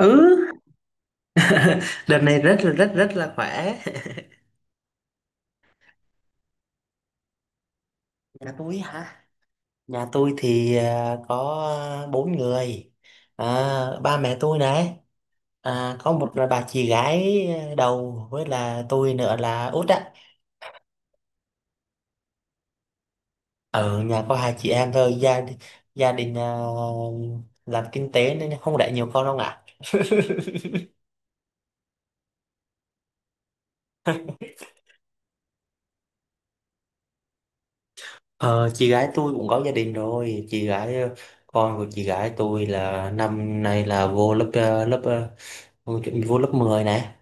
ừ Đợt này rất là rất rất là khỏe. Nhà tôi hả? Nhà tôi thì có 4 người. Ba mẹ tôi này, có một là bà chị gái đầu với là tôi nữa là út á. Ở nhà có hai chị em thôi. Gia đình làm kinh tế nên không đẻ nhiều con đâu ạ. Ờ, chị gái tôi cũng có gia đình rồi. Chị gái, con của chị gái tôi là năm nay là vô lớp vô lớp 10 này,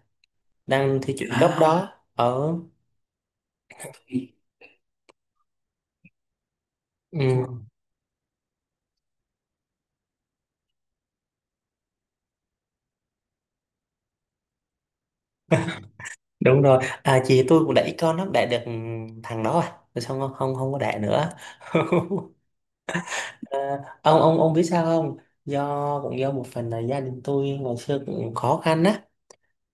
đang thi chuyển gấp à đó. Ở. Ừ, đúng rồi. À chị tôi cũng đẩy con nó đẻ được thằng đó, à rồi xong không, không, không có đẻ nữa. à, ông biết sao không? Do cũng do một phần là gia đình tôi ngày xưa cũng khó khăn á,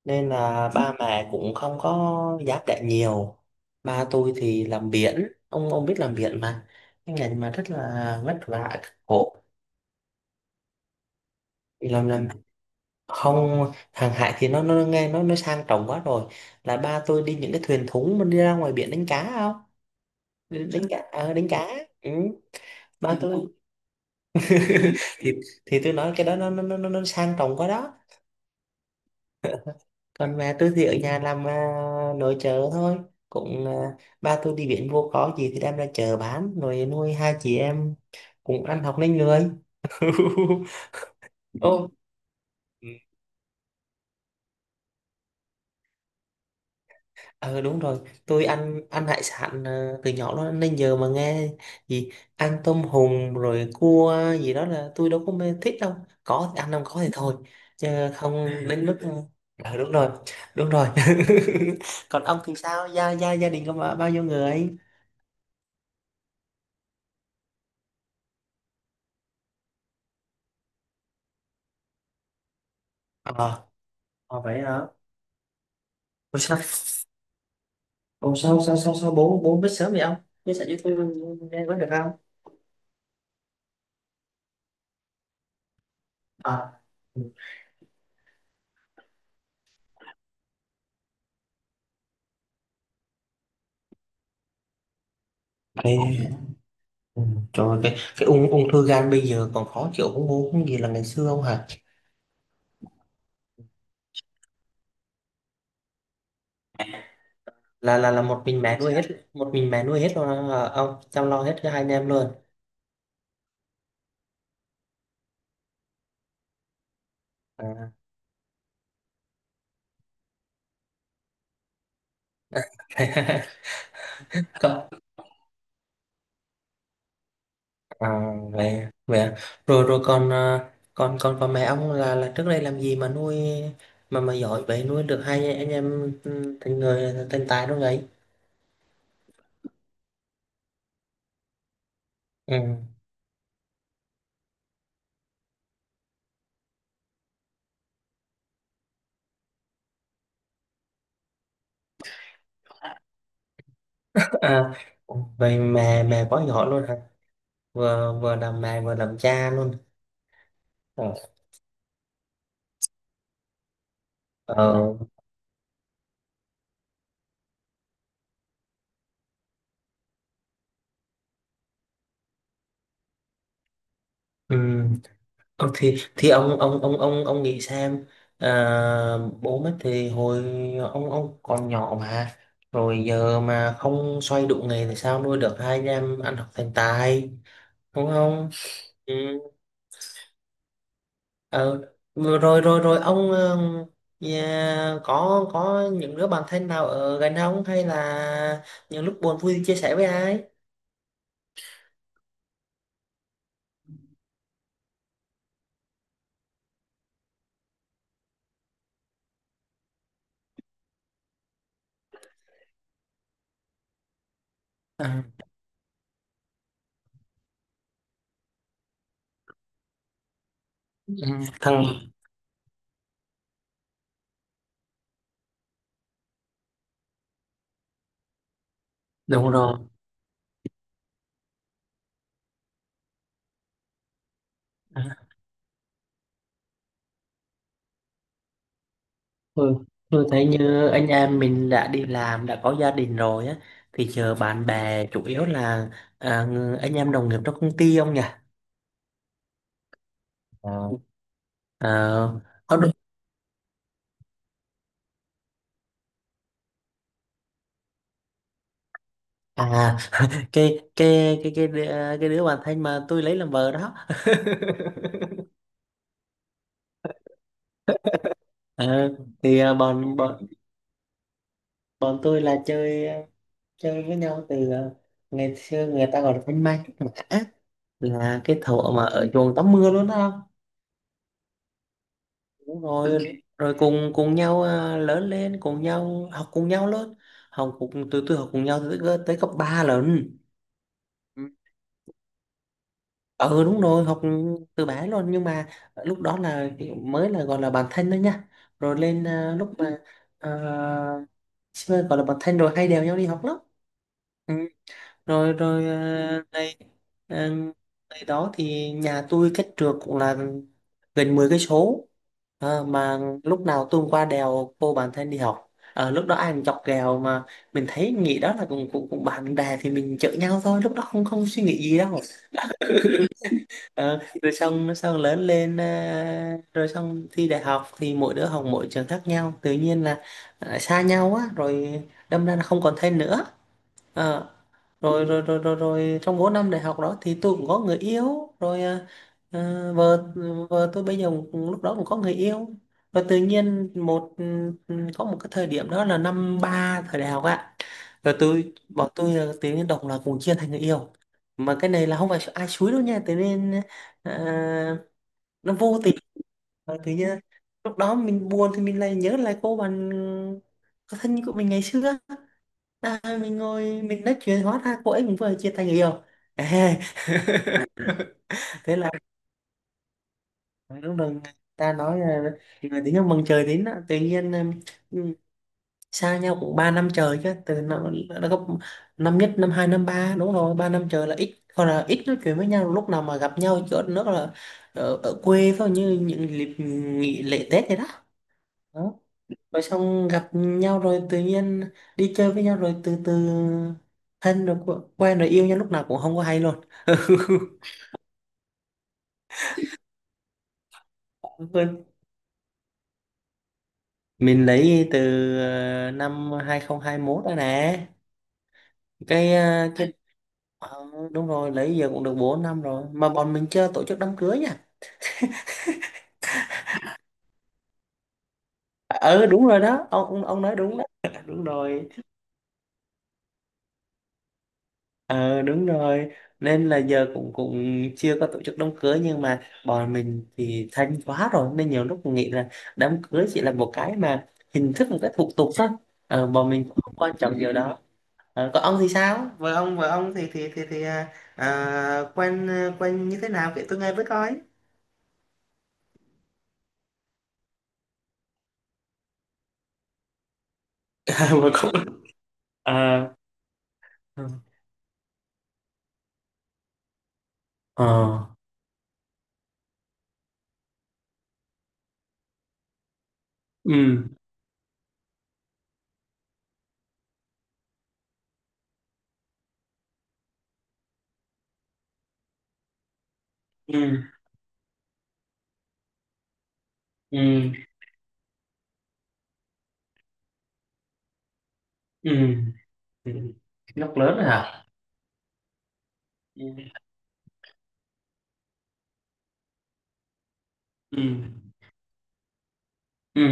nên là ba mẹ cũng không có dám đẻ nhiều. Ba tôi thì làm biển, ông biết làm biển mà, cái ngành mà rất là vất vả, khổ. Làm không, hàng hải thì nó nghe nó sang trọng quá rồi. Là ba tôi đi những cái thuyền thúng, mình đi ra ngoài biển đánh cá không. Đánh cá, đánh cá. Ừ. Ba tôi. thì thì tôi nói cái đó nó sang trọng quá đó. Còn mẹ tôi thì ở nhà làm nội trợ thôi, cũng ba tôi đi biển vô có gì thì đem ra chợ bán rồi nuôi hai chị em cũng ăn học nên người. Ô. Ờ đúng rồi, tôi ăn ăn hải sản từ nhỏ đó, nên giờ mà nghe gì ăn tôm hùm rồi cua gì đó là tôi đâu có mê thích đâu. Có thì ăn, không có thì thôi. Chứ không đến mức. Ờ ờ, đúng rồi, đúng rồi. Còn ông thì sao? Gia gia gia đình có bao bao nhiêu người? Ờ, à, vậy hả? Ủa sao? Ủa sao sao sao sao bố bố biết sớm vậy ông? Chia sẻ với tôi nghe có được không? Ờ. Ừ. Ừ, trời ơi, cái ung ung thư gan bây giờ còn khó chịu không, bố không gì là ngày xưa không hả? Là một mình mẹ nuôi hết, một mình mẹ nuôi hết rồi hả ông, chăm lo hết cho hai anh em luôn. À. Còn, à, vậy, vậy à. Rồi rồi còn còn mẹ ông là trước đây làm gì mà nuôi mà giỏi vậy, nuôi được hai anh em, ừ, thành người thành tài luôn vậy? Ừ. À, vậy mẹ mẹ quá giỏi luôn hả? Vừa vừa làm mẹ vừa làm cha luôn. Ờ. Ờ. Ừ. Ờ, thì ông nghĩ xem, à, bố mất thì hồi ông còn nhỏ mà, rồi giờ mà không xoay đủ nghề thì sao nuôi được hai anh em ăn học thành tài, đúng không? Ừ. Ờ, rồi rồi rồi ông, có những đứa bạn thân nào ở gần ông, hay là những lúc buồn vui thì chia sẻ với ai? À, ừ, thằng, đúng rồi. Tôi, tôi thấy như anh em mình đã đi làm, đã có gia đình rồi á, thì giờ bạn bè chủ yếu là anh em đồng nghiệp trong công ty không nhỉ? Ờ, Ờ, có đứa- à, cái cái cái cái đứa- cái đứa bạn thân mà tôi lấy làm vợ đó. Ờ, thì bọn bọn bọn tôi là chơi chơi với nhau từ ngày xưa, người ta gọi là thanh mai trúc mã, là cái thuở mà ở chuồng tắm mưa luôn đó. Đúng rồi, rồi cùng cùng nhau lớn lên cùng nhau, học cùng nhau lớn, học cùng từ từ học cùng nhau tới, tới cấp 3 lần. Ừ. Ừ đúng rồi, học từ bé luôn, nhưng mà lúc đó là mới là gọi là bạn thân thôi nha. Rồi lên lúc mà à, gọi là bạn thân rồi hay đèo nhau đi học lắm. Rồi rồi này, à, này đó thì nhà tôi cách trượt cũng là gần 10 cây số, mà lúc nào tôi cũng qua đèo cô bạn thân đi học. Ờ, lúc đó ai cũng chọc ghẹo mà, mình thấy nghĩ đó là cũng cũng, cũng bạn bè thì mình chở nhau thôi, lúc đó không không suy nghĩ gì đâu. Ờ, rồi xong xong lớn lên, rồi xong thi đại học thì mỗi đứa học mỗi trường khác nhau, tự nhiên là xa nhau á, rồi đâm ra là không còn thân nữa. Ờ, rồi rồi rồi rồi rồi trong 4 năm đại học đó thì tôi cũng có người yêu rồi, vợ, vợ tôi bây giờ cũng- lúc đó cũng có người yêu. Và tự nhiên một, có một cái thời điểm đó là năm 3 thời đại học ạ. Rồi bọn tôi là tự nhiên độc là cùng chia thành người yêu, mà cái này là không phải ai xúi đâu nha, tự nhiên à, nó vô tình. Ờ, tự nhiên lúc đó mình buồn thì mình lại nhớ lại cô bạn có thân của mình ngày xưa, mình ngồi mình nói chuyện, hóa ra cô ấy cũng vừa chia tay người yêu. À, thế là lúc đầu người ta nói là người tính nhau mừng trời đến đó, tự nhiên, ừm, xa nhau cũng 3 năm trời chứ, nó gấp, năm nhất năm hai năm ba, đúng rồi 3 năm trời là ít, còn là ít nói chuyện với nhau, lúc nào mà gặp nhau chỗ nữa là ở quê thôi, như những dịp nghỉ lễ Tết vậy đó. Rồi xong gặp nhau rồi tự nhiên đi chơi với nhau rồi từ từ thân rồi quen rồi yêu nhau lúc nào cũng không có hay luôn. Quên. Mình lấy từ năm 2021 rồi nè. cái ờ, cái ờ, Đúng rồi, lấy giờ cũng được 4 năm rồi mà bọn mình chưa tổ chức đám cưới nha. Ờ đúng rồi đó, ông nói đúng đó. Đúng rồi. Ờ đúng rồi, nên là giờ cũng cũng chưa có tổ chức đám cưới, nhưng mà bọn mình thì thanh quá rồi nên nhiều lúc mình nghĩ là đám cưới chỉ là một cái mà hình thức, một cái thủ tục thôi. Ờ, bọn mình cũng không quan trọng điều đó. Ờ, còn ông thì sao, vợ ông, vợ ông thì à, à, quen quen như thế nào kể tôi nghe với coi. À, vợ cũng- à, ờ, ừ, ừ ừ ừ ừ. Nó lớn rồi hả? Ừ ừ ừ,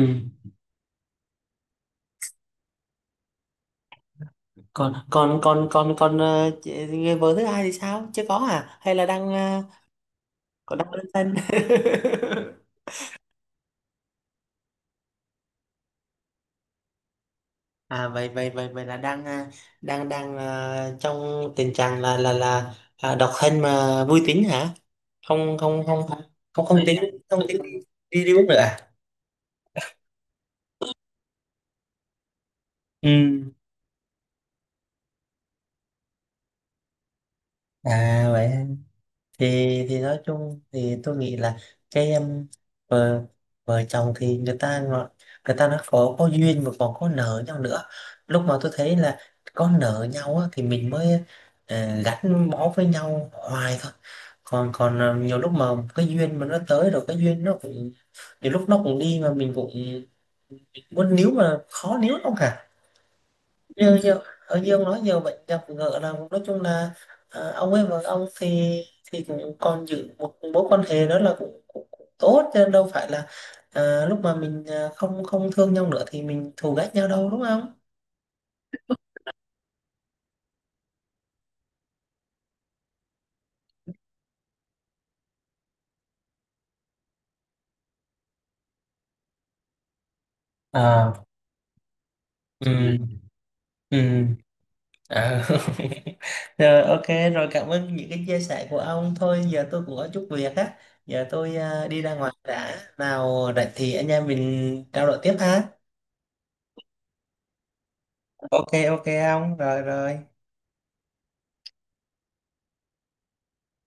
còn còn còn còn còn ờ, người vợ thứ hai thì sao, chưa có à hay là đang ờ, có đang đơn thân? À, vậy vậy vậy vậy là đang, à, đang đang à, trong tình trạng là độc thân mà vui tính hả? Không không không, không không tính, không tính đi, đi uống nữa à? Ừ. À vậy, thì nói chung thì tôi nghĩ là cái, vợ vợ chồng thì người ta người ta nó có duyên mà còn có nợ nhau nữa. Lúc mà tôi thấy là có nợ nhau á, thì mình mới, ờ, gắn bó với nhau hoài thôi. Còn còn ờ, nhiều lúc mà cái duyên mà nó tới rồi cái duyên nó cũng, nhiều lúc nó cũng đi mà mình cũng muốn níu mà khó níu lắm cả. Như như như ông nói nhiều bệnh gặp gỡ là nói chung là, ờ, ông ấy và ông thì cũng còn giữ một mối quan hệ đó là cũng tốt chứ đâu phải là, ờ, lúc mà mình ờ, không không thương nhau nữa thì mình thù ghét nhau đâu, đúng không? À. Ừ. Ừ. À. Rồi ok, rồi cảm ơn những cái chia sẻ của ông. Thôi giờ tôi cũng có chút việc á, giờ tôi ờ, đi ra ngoài đã, nào rảnh thì anh em mình trao đổi tiếp ha. Ok, ok ông, rồi rồi.